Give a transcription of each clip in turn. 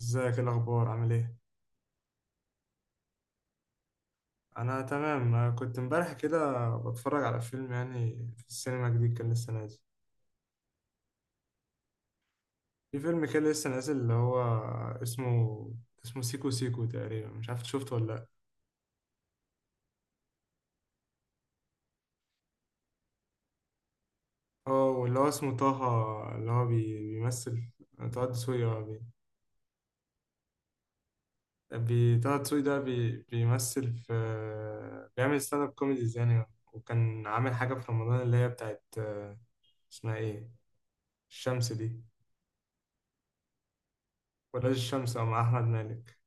ازيك؟ إيه الاخبار؟ عامل ايه؟ انا تمام. أنا كنت امبارح كده بتفرج على فيلم، يعني في السينما، جديد كان لسه نازل. في فيلم كده لسه نازل اللي هو اسمه اسمه سيكو سيكو تقريبا. مش عارف إنت شفته ولا لا؟ اه، واللي هو اسمه طه، اللي هو بيمثل. طه دسوقي اه، طه دسوقي ده بيمثل في، بيعمل ستاند اب كوميديز يعني. وكان عامل حاجة في رمضان اللي هي بتاعت اسمها ايه؟ الشمس دي؟ ولا الشمس، اه، مع احمد مالك.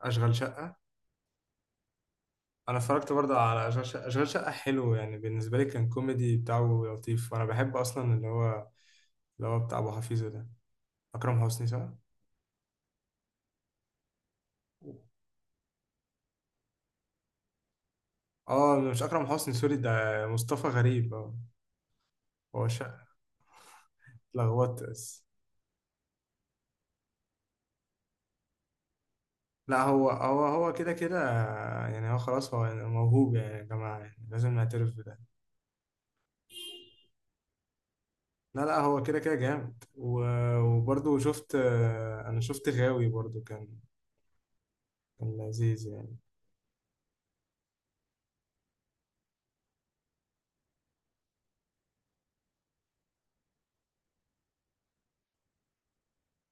اشغال شقه. انا اتفرجت برضه على اشغال شقه. اشغال شقه حلو يعني، بالنسبه لي كان كوميدي بتاعه لطيف. وانا بحب اصلا اللي هو اللي هو بتاع ابو حفيظه ده، اكرم حسني صح؟ اه، مش اكرم حسني، سوري، ده مصطفى غريب اه. هو شقه اتلخبطت بس. لا، هو كده كده يعني، هو خلاص، هو يعني موهوب يعني يا جماعه، يعني لازم نعترف بده. لا لا، هو كده كده جامد، وبرضه شفت، انا شفت غاوي برضه، كان لذيذ يعني.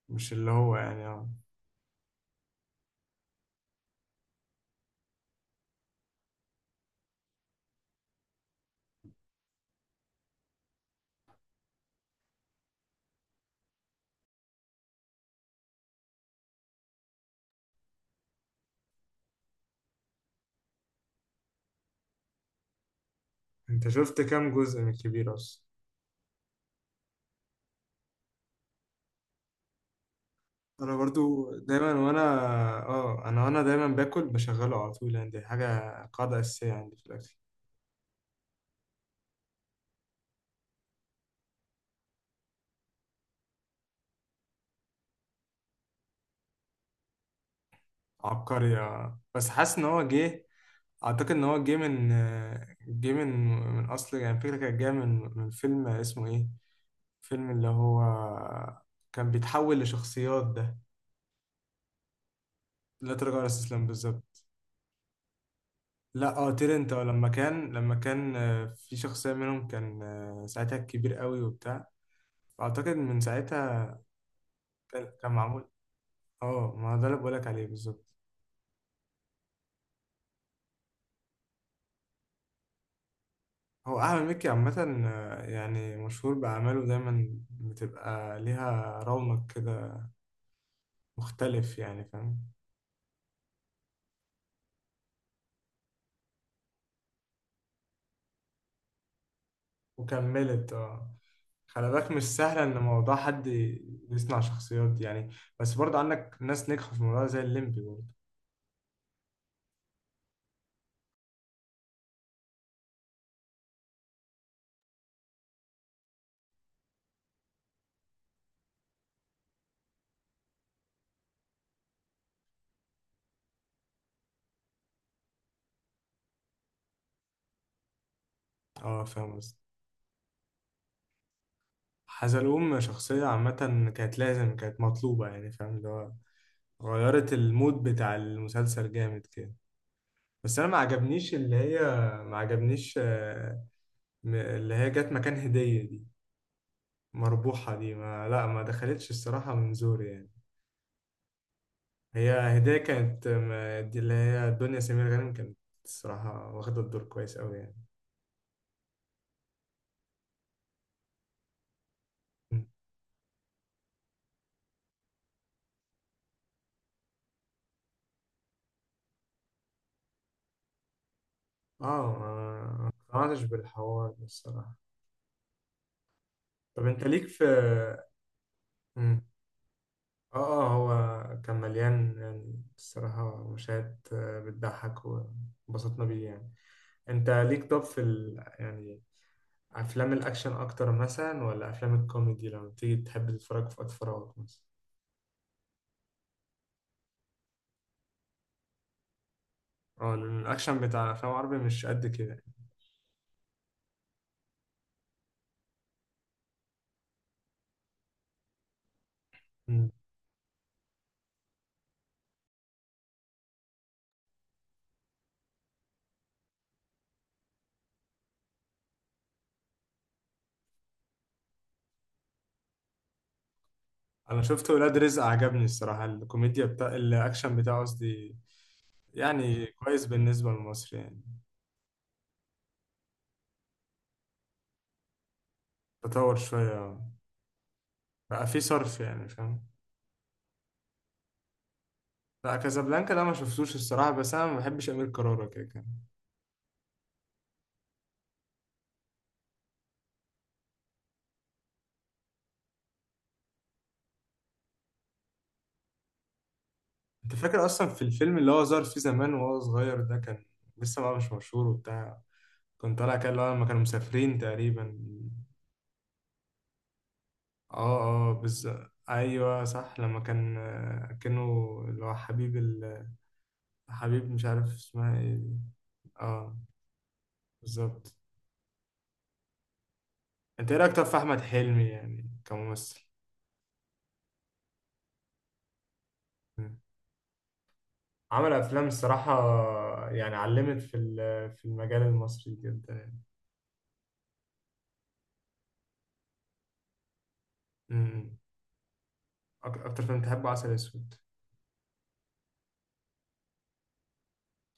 مش اللي هو يعني، اه، انت شفت كام جزء من الكبير اصلا؟ انا برضو دايما وانا، اه، انا وانا دايما باكل بشغله على طول، يعني دي حاجه قاعده اساسيه عندي في الاكل. عبقري آه. بس حاسس ان هو جه، اعتقد ان هو جه من، جه من من اصل، يعني فكره كانت جايه من فيلم اسمه ايه، فيلم اللي هو كان بيتحول لشخصيات ده. لا تراجع ولا استسلام بالظبط. لا اه، تيرنت آه، لما كان في شخصيه منهم كان، ساعتها كبير قوي وبتاع. اعتقد من ساعتها كان معمول. اه، ما هو ده اللي بقولك عليه بالظبط. هو أحمد مكي عامة، يعني مشهور بأعماله، دايما بتبقى ليها رونق كده مختلف يعني، فاهم؟ وكملت اه. خلي بالك مش سهل إن موضوع حد يصنع شخصيات دي يعني. بس برضه عندك ناس نجحوا في الموضوع زي الليمبي برضه. اه فاهم قصدي. حزلقوم شخصية عامة، كانت لازم، كانت مطلوبة يعني، فاهم؟ اللي هو غيرت المود بتاع المسلسل جامد كده. بس انا ما عجبنيش اللي هي، ما عجبنيش آه، م- اللي هي جت مكان هدية دي، مربوحة دي، ما دخلتش الصراحة من زوري يعني. هي هدية كانت، دي اللي هي دنيا سمير غانم، كانت الصراحة واخدة الدور كويس أوي يعني. م. اه، ما اقتنعتش بالحوار ده الصراحة. طب انت ليك في، م. اه اه، هو كان مليان يعني، الصراحة مشاهد بتضحك وانبسطنا بيه يعني. انت ليك طب في يعني افلام الاكشن اكتر مثلا ولا افلام الكوميدي لما بتيجي تحب تتفرج في وقت فراغك مثلا؟ اه، لأن الاكشن بتاع الافلام العربي مش قد كده يعني. مم. انا شفت ولاد رزق، عجبني الصراحه الكوميديا بتاع الاكشن بتاعه قصدي، يعني كويس بالنسبه لمصر يعني. تطور شويه، بقى في صرف يعني، فاهم؟ لا كازابلانكا ده ما شفتوش الصراحه، بس انا ما بحبش امير كرارة، كده كان. انت فاكر اصلا في الفيلم اللي هو ظهر فيه زمان وهو صغير ده، كان لسه بقى مش مشهور وبتاع. كان طالع كده اللي هو لما كانوا مسافرين تقريبا. اه اه بس. ايوه صح، لما كان، كانه اللي هو حبيب حبيب مش عارف اسمها ايه دي. اه بالظبط. انت ايه رايك طب في احمد حلمي يعني كممثل؟ مم. عمل افلام الصراحه، يعني علمت في في المجال المصري جدا يعني. مم. اكتر فيلم بتحبه عسل اسود؟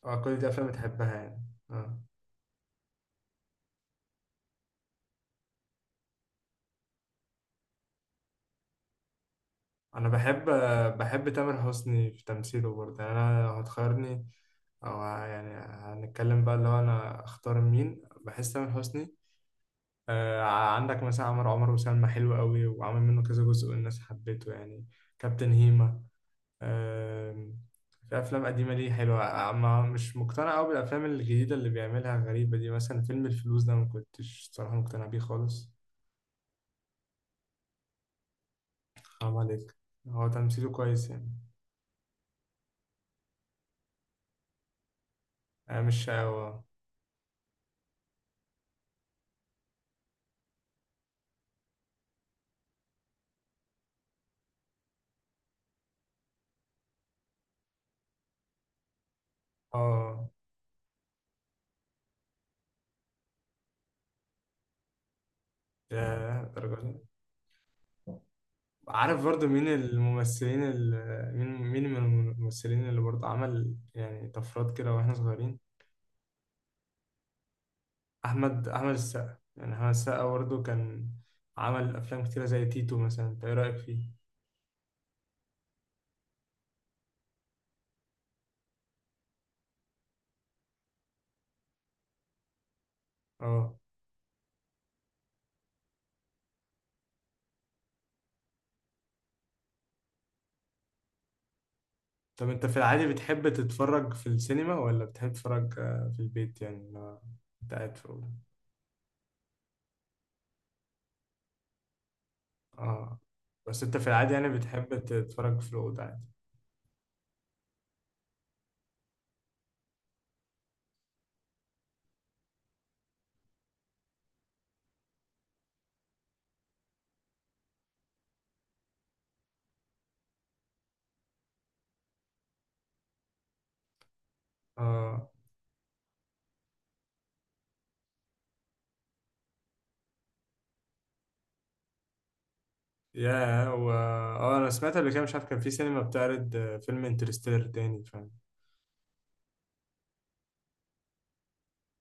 اه كل دي افلام بتحبها يعني؟ اه انا بحب، تامر حسني في تمثيله برضه يعني. انا لو هتخيرني، يعني هنتكلم بقى اللي هو انا اختار مين، بحس تامر حسني. آه عندك مثلا عمر وسلمى، حلو قوي وعامل منه كذا جزء والناس حبيته يعني. كابتن هيما، آه. في افلام قديمه ليه حلوه، ما مش مقتنع قوي بالافلام الجديده اللي بيعملها غريبه دي، مثلا فيلم الفلوس ده ما كنتش صراحه مقتنع بيه خالص. حرام عليك، هو تمثيله كويس يعني. آه مش اه آه، ياه الدرجة دي! عارف برضو مين الممثلين اللي، مين مين من الممثلين اللي برضو عمل يعني طفرات كده واحنا صغيرين؟ احمد السقا، يعني احمد السقا برضو كان عمل افلام كتيرة زي تيتو مثلا، انت ايه رأيك فيه؟ اه. طب انت في العادي بتحب تتفرج في السينما ولا بتحب تتفرج في البيت يعني، لو انت قاعد في الأوضة؟ اه، بس انت في العادي يعني بتحب تتفرج في الأوضة عادي. اه. انا سمعت قبل كده مش عارف، كان في سينما بتعرض فيلم انترستيلر تاني، فاهم؟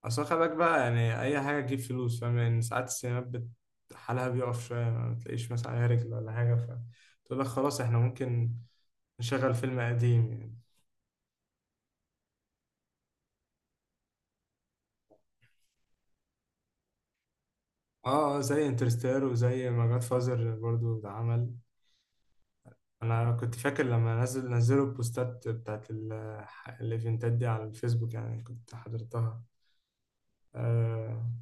اصل خلي بالك بقى يعني اي حاجه تجيب فلوس فاهم، يعني ساعات السينمات حالها بيقف شويه، ما تلاقيش مثلا عليها رجل ولا حاجه، فتقول لك خلاص احنا ممكن نشغل فيلم قديم يعني. اه، زي انترستيلر وزي ما جاد فازر برضو ده عمل. انا كنت فاكر لما نزلوا البوستات بتاعت الايفنتات دي على الفيسبوك يعني، كنت حضرتها. آه،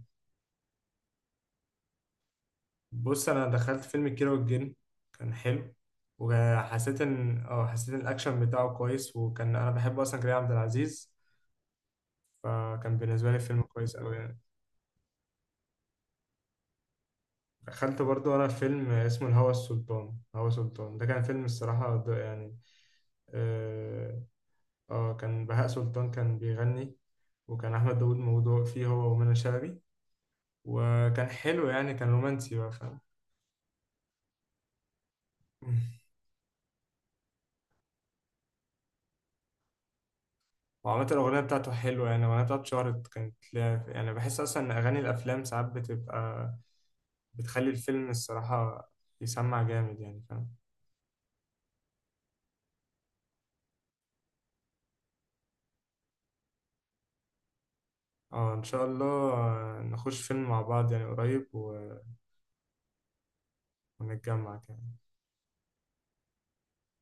بص، انا دخلت فيلم الكيرة والجن، كان حلو. وحسيت ان حسيت ان الاكشن بتاعه كويس، وكان انا بحب اصلا كريم عبد العزيز، فكان بالنسبه لي فيلم كويس قوي يعني. دخلت برضو انا فيلم اسمه الهوى السلطان، هوى سلطان ده كان فيلم الصراحه ده يعني. اه، كان بهاء سلطان كان بيغني، وكان احمد داوود موضوع فيه هو ومنى شلبي، وكان حلو يعني، كان رومانسي بقى فاهم؟ وعامة الأغنية بتاعته حلوة يعني، الأغنية بتاعته اتشهرت كانت ليها، يعني بحس أصلا إن أغاني الأفلام ساعات بتبقى، بتخلي الفيلم الصراحة يسمع جامد يعني فاهم؟ اه إن شاء الله، نخش فيلم مع بعض يعني قريب و- ونتجمع كده.